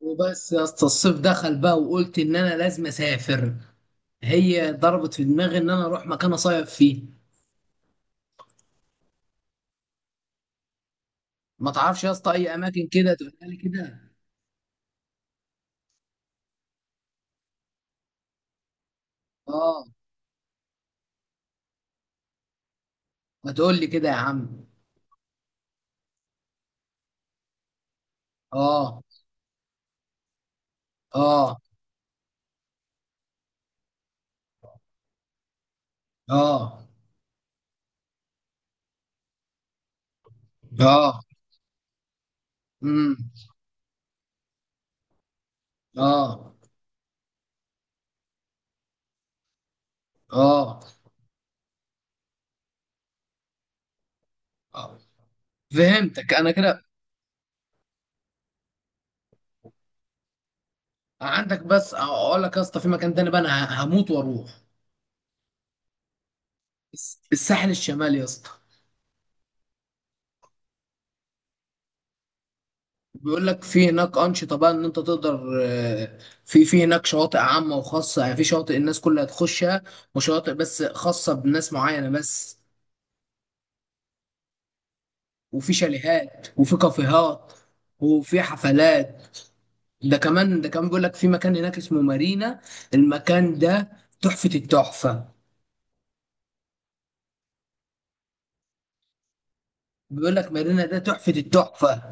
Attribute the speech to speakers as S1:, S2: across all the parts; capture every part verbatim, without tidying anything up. S1: وبس يا اسطى، الصيف دخل بقى وقلت ان انا لازم اسافر. هي ضربت في دماغي ان انا اروح مكان اصيف فيه. ما تعرفش يا اسطى اي اماكن كده تقول لي كده؟ اه. ما تقول لي كده يا عم. اه. اه. اه. اه. امم. اه. اه. آه. فهمتك انا كده. عندك، بس اقول لك يا اسطى، في مكان تاني بقى انا هموت واروح، الس- الساحل الشمالي يا اسطى. بيقول لك في هناك أنشطة بقى إن أنت تقدر، آه، في في هناك شواطئ عامة وخاصة، يعني في شواطئ الناس كلها تخشها، وشواطئ بس خاصة بناس معينة بس، وفي شاليهات وفي كافيهات وفي حفلات. ده كمان ده كمان بيقول لك في مكان هناك اسمه مارينا. المكان ده تحفة التحفة. بيقول لك مارينا ده تحفة التحفة.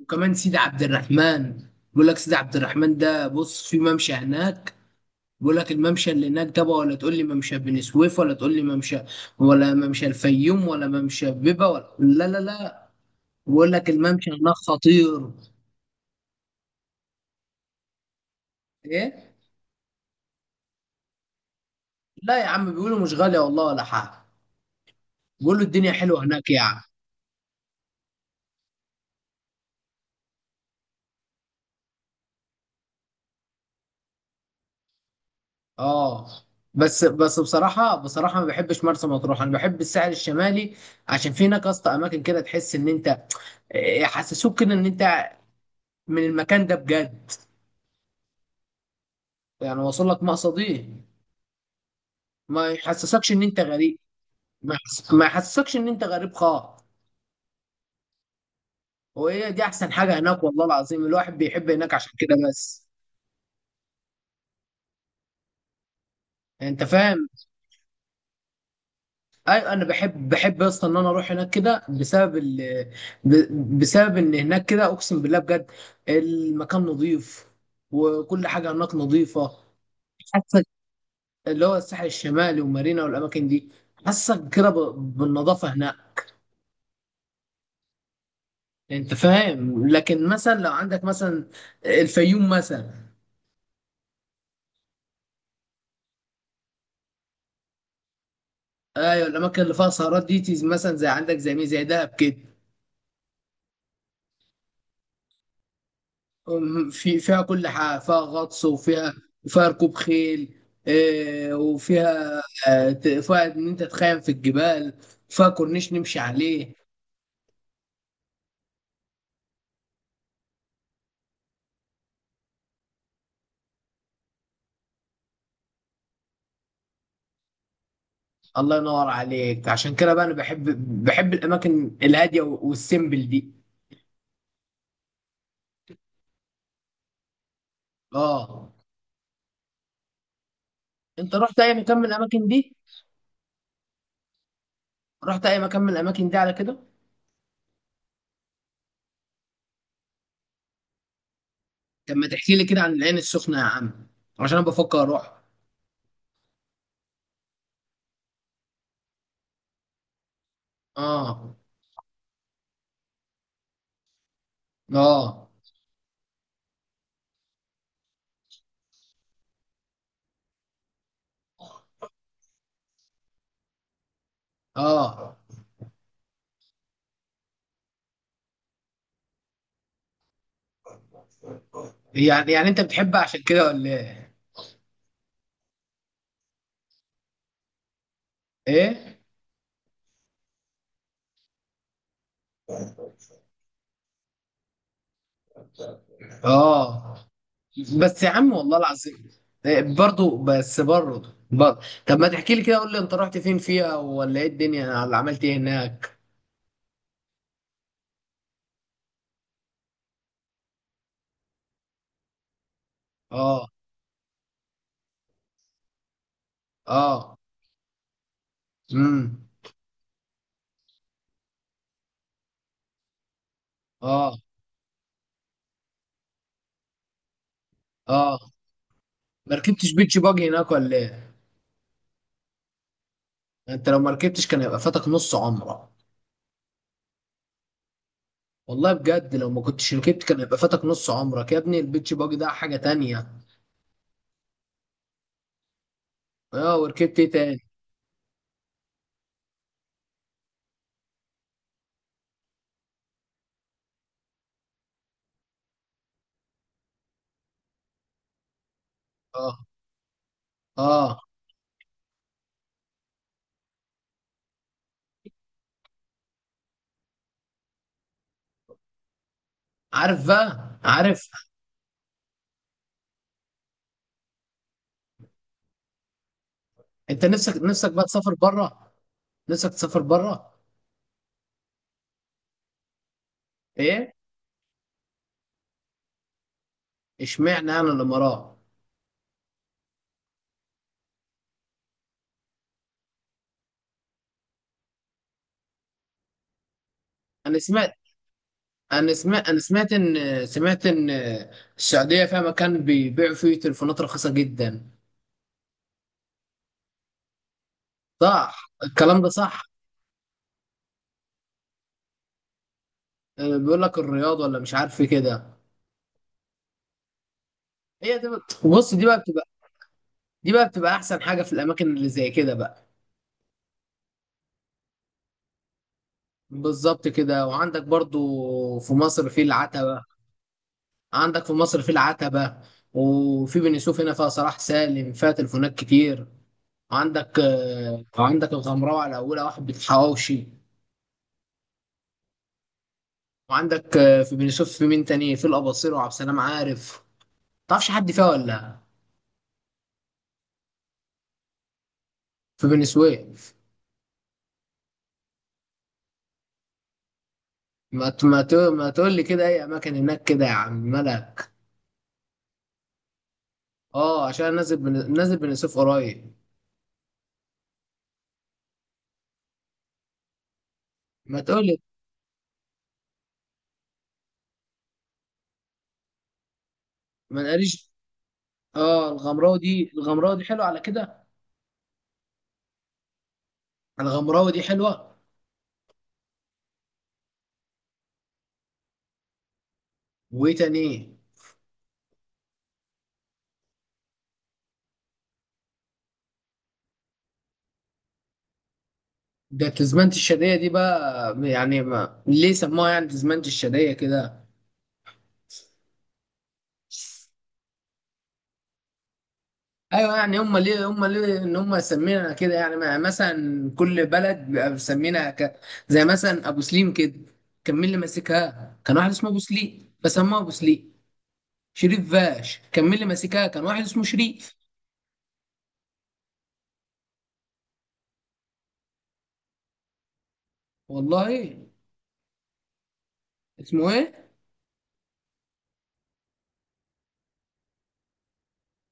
S1: وكمان سيدي عبد الرحمن. بيقول لك سيدي عبد الرحمن ده بص، في ممشى هناك. بيقول لك الممشى اللي هناك ده بقى، ولا تقول لي ممشى بني سويف، ولا تقول لي ممشى، ولا ممشى الفيوم، ولا ممشى بيبا، ولا لا لا لا، بيقول لك الممشى هناك خطير. ايه؟ لا يا عم، بيقولوا مش غالية والله ولا حاجة. بيقولوا الدنيا حلوة هناك يعني. اه. بس بس بصراحة بصراحة ما بحبش مرسى مطروح، انا بحب الساحل الشمالي، عشان في هناك اصلا اماكن كده تحس ان انت، إيه، يحسسوك كده ان انت من المكان ده بجد، يعني واصل لك مقصدي. ما يحسسكش ان انت غريب. ما يحس- ما يحسسكش ان انت غريب خالص. وهي دي احسن حاجه هناك والله العظيم، الواحد بيحب هناك عشان كده بس. انت فاهم. ايوه، انا بحب بحب اصلا ان انا اروح هناك كده بسبب ال... ب... بسبب ان هناك كده اقسم بالله بجد، المكان نظيف وكل حاجه هناك نظيفه. حاسك اللي هو الساحل الشمالي ومارينا والاماكن دي، حاسك كده ب... بالنظافه هناك. انت فاهم، لكن مثلا لو عندك مثلا الفيوم مثلا. ايوه، الاماكن اللي فيها سهرات دي، مثلا زي عندك، زي مين، زي دهب كده. أم، في فيها كل حاجه، فيها غطس وفيها وفيها ركوب خيل، آه، وفيها، آه، ت- فيها ان انت تخيم في الجبال، فيها كورنيش نمشي عليه. الله ينور عليك، عشان كده بقى انا بحب بحب الاماكن الهاديه والسيمبل دي. اه. انت رحت اي مكان من الاماكن دي؟ رحت اي مكان من الاماكن دي على كده؟ طب ما تحكي لي كده عن العين السخنه يا عم، عشان انا بفكر اروح. اه. اه. اه. يعني يعني انت بتحبها عشان كده ولا ايه؟ ايه؟ اه. بس يا عم والله العظيم، إيه، برضو بس برضو برضو. طب ما تحكي لي كده، قول لي انت رحت فين فيها، ولا ايه الدنيا اللي عملت ايه هناك؟ اه. اه. امم. اه. اه. ما ركبتش بيتش باجي هناك ولا ايه؟ انت لو ما ركبتش كان هيبقى فاتك نص عمرك. والله بجد لو ما كنتش ركبت كان هيبقى فاتك نص عمرك يا ابني، البيتش باجي ده حاجة تانية. اه، وركبت ايه تاني؟ اه. اه. عارف بقى، عارف. انت نفسك نفسك بقى تسافر بره؟ نفسك تسافر بره؟ ايه. اشمعنى انا الامارات. انا سمعت انا سمعت انا سمعت ان سمعت ان السعوديه فيها مكان بيبيعوا فيه تليفونات رخيصه جدا. صح الكلام ده صح؟ اه، بيقول لك الرياض ولا مش عارف ايه كده. هي دي بقى- بص، دي بقى بتبقى دي بقى بتبقى احسن حاجه في الاماكن اللي زي كده بقى. بالظبط كده، وعندك برضو في مصر في العتبه. عندك في مصر في العتبة، وفي بني سويف هنا فيها صلاح سالم فيها تليفونات كتير، وعندك آه، وعندك الغمراوي على أولها واحد بالحواوشي، وعندك آه، في بني سويف في مين تاني، في الأباصير وعبد السلام عارف. متعرفش حد فيها ولا؟ في بني سويف، ما ت- ما ت- ما تقول لي كده أي أماكن هناك كده يا عم ملك. أه، عشان أنا نازل بن- نازل بني سويف قريب. ما تقول لي. ما نقليش. أه، الغمراوي دي، الغمراوي دي حلوة على كده. الغمراوي دي حلوة. وإيه تاني؟ ده تزمنت الشادية دي بقى، يعني ما ليه سموها يعني تزمنت الشادية كده؟ ايوه، يعني هم ليه هم ليه ان هم سمينا كده، يعني ما- مثلا كل بلد بيبقى مسمينها ك... زي مثلا ابو سليم كده، كان مين اللي ماسكها؟ كان واحد اسمه ابو سليم، فسموها ابو سليم. شريف فاش كان مين اللي ماسكها؟ كان واحد اسمه شريف. والله ايه. اسمه ايه؟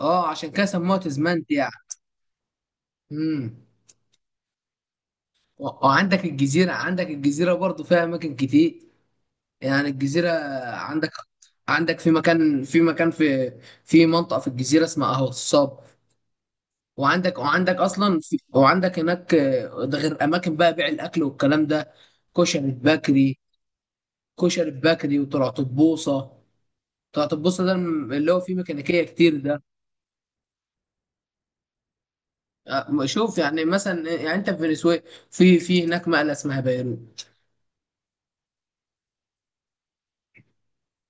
S1: اه، عشان كده سموها تزمنت يعني. امم. و- وعندك الجزيرة. عندك الجزيرة برضو فيها اماكن كتير، يعني الجزيرة. عندك عندك في مكان في مكان في في منطقة في الجزيرة اسمها أهو الصاب. وعندك وعندك أصلا في، وعندك هناك آه، ده غير أماكن بقى بيع الأكل والكلام ده، كشري بكري. كشري بكري وطرطبوسة. طرطبوسة ده الم- اللي هو فيه ميكانيكية كتير ده. آه، شوف يعني مثلا، يعني أنت في فنزويلا، في في هناك مقلة اسمها بيروت.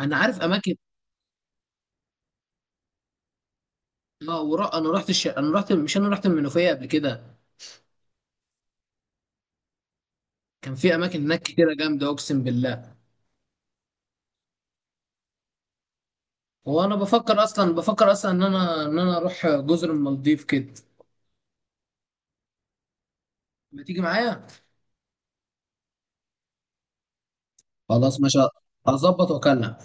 S1: أنا عارف أماكن. اه، ورا انا رحت الش... انا رحت مش انا رحت المنوفيه قبل كده، كان في اماكن هناك كتيره جامده اقسم بالله. وانا بفكر اصلا، بفكر اصلا ان انا ان انا اروح جزر المالديف كده. ما تيجي معايا؟ خلاص ماشي. اظبط واكلم.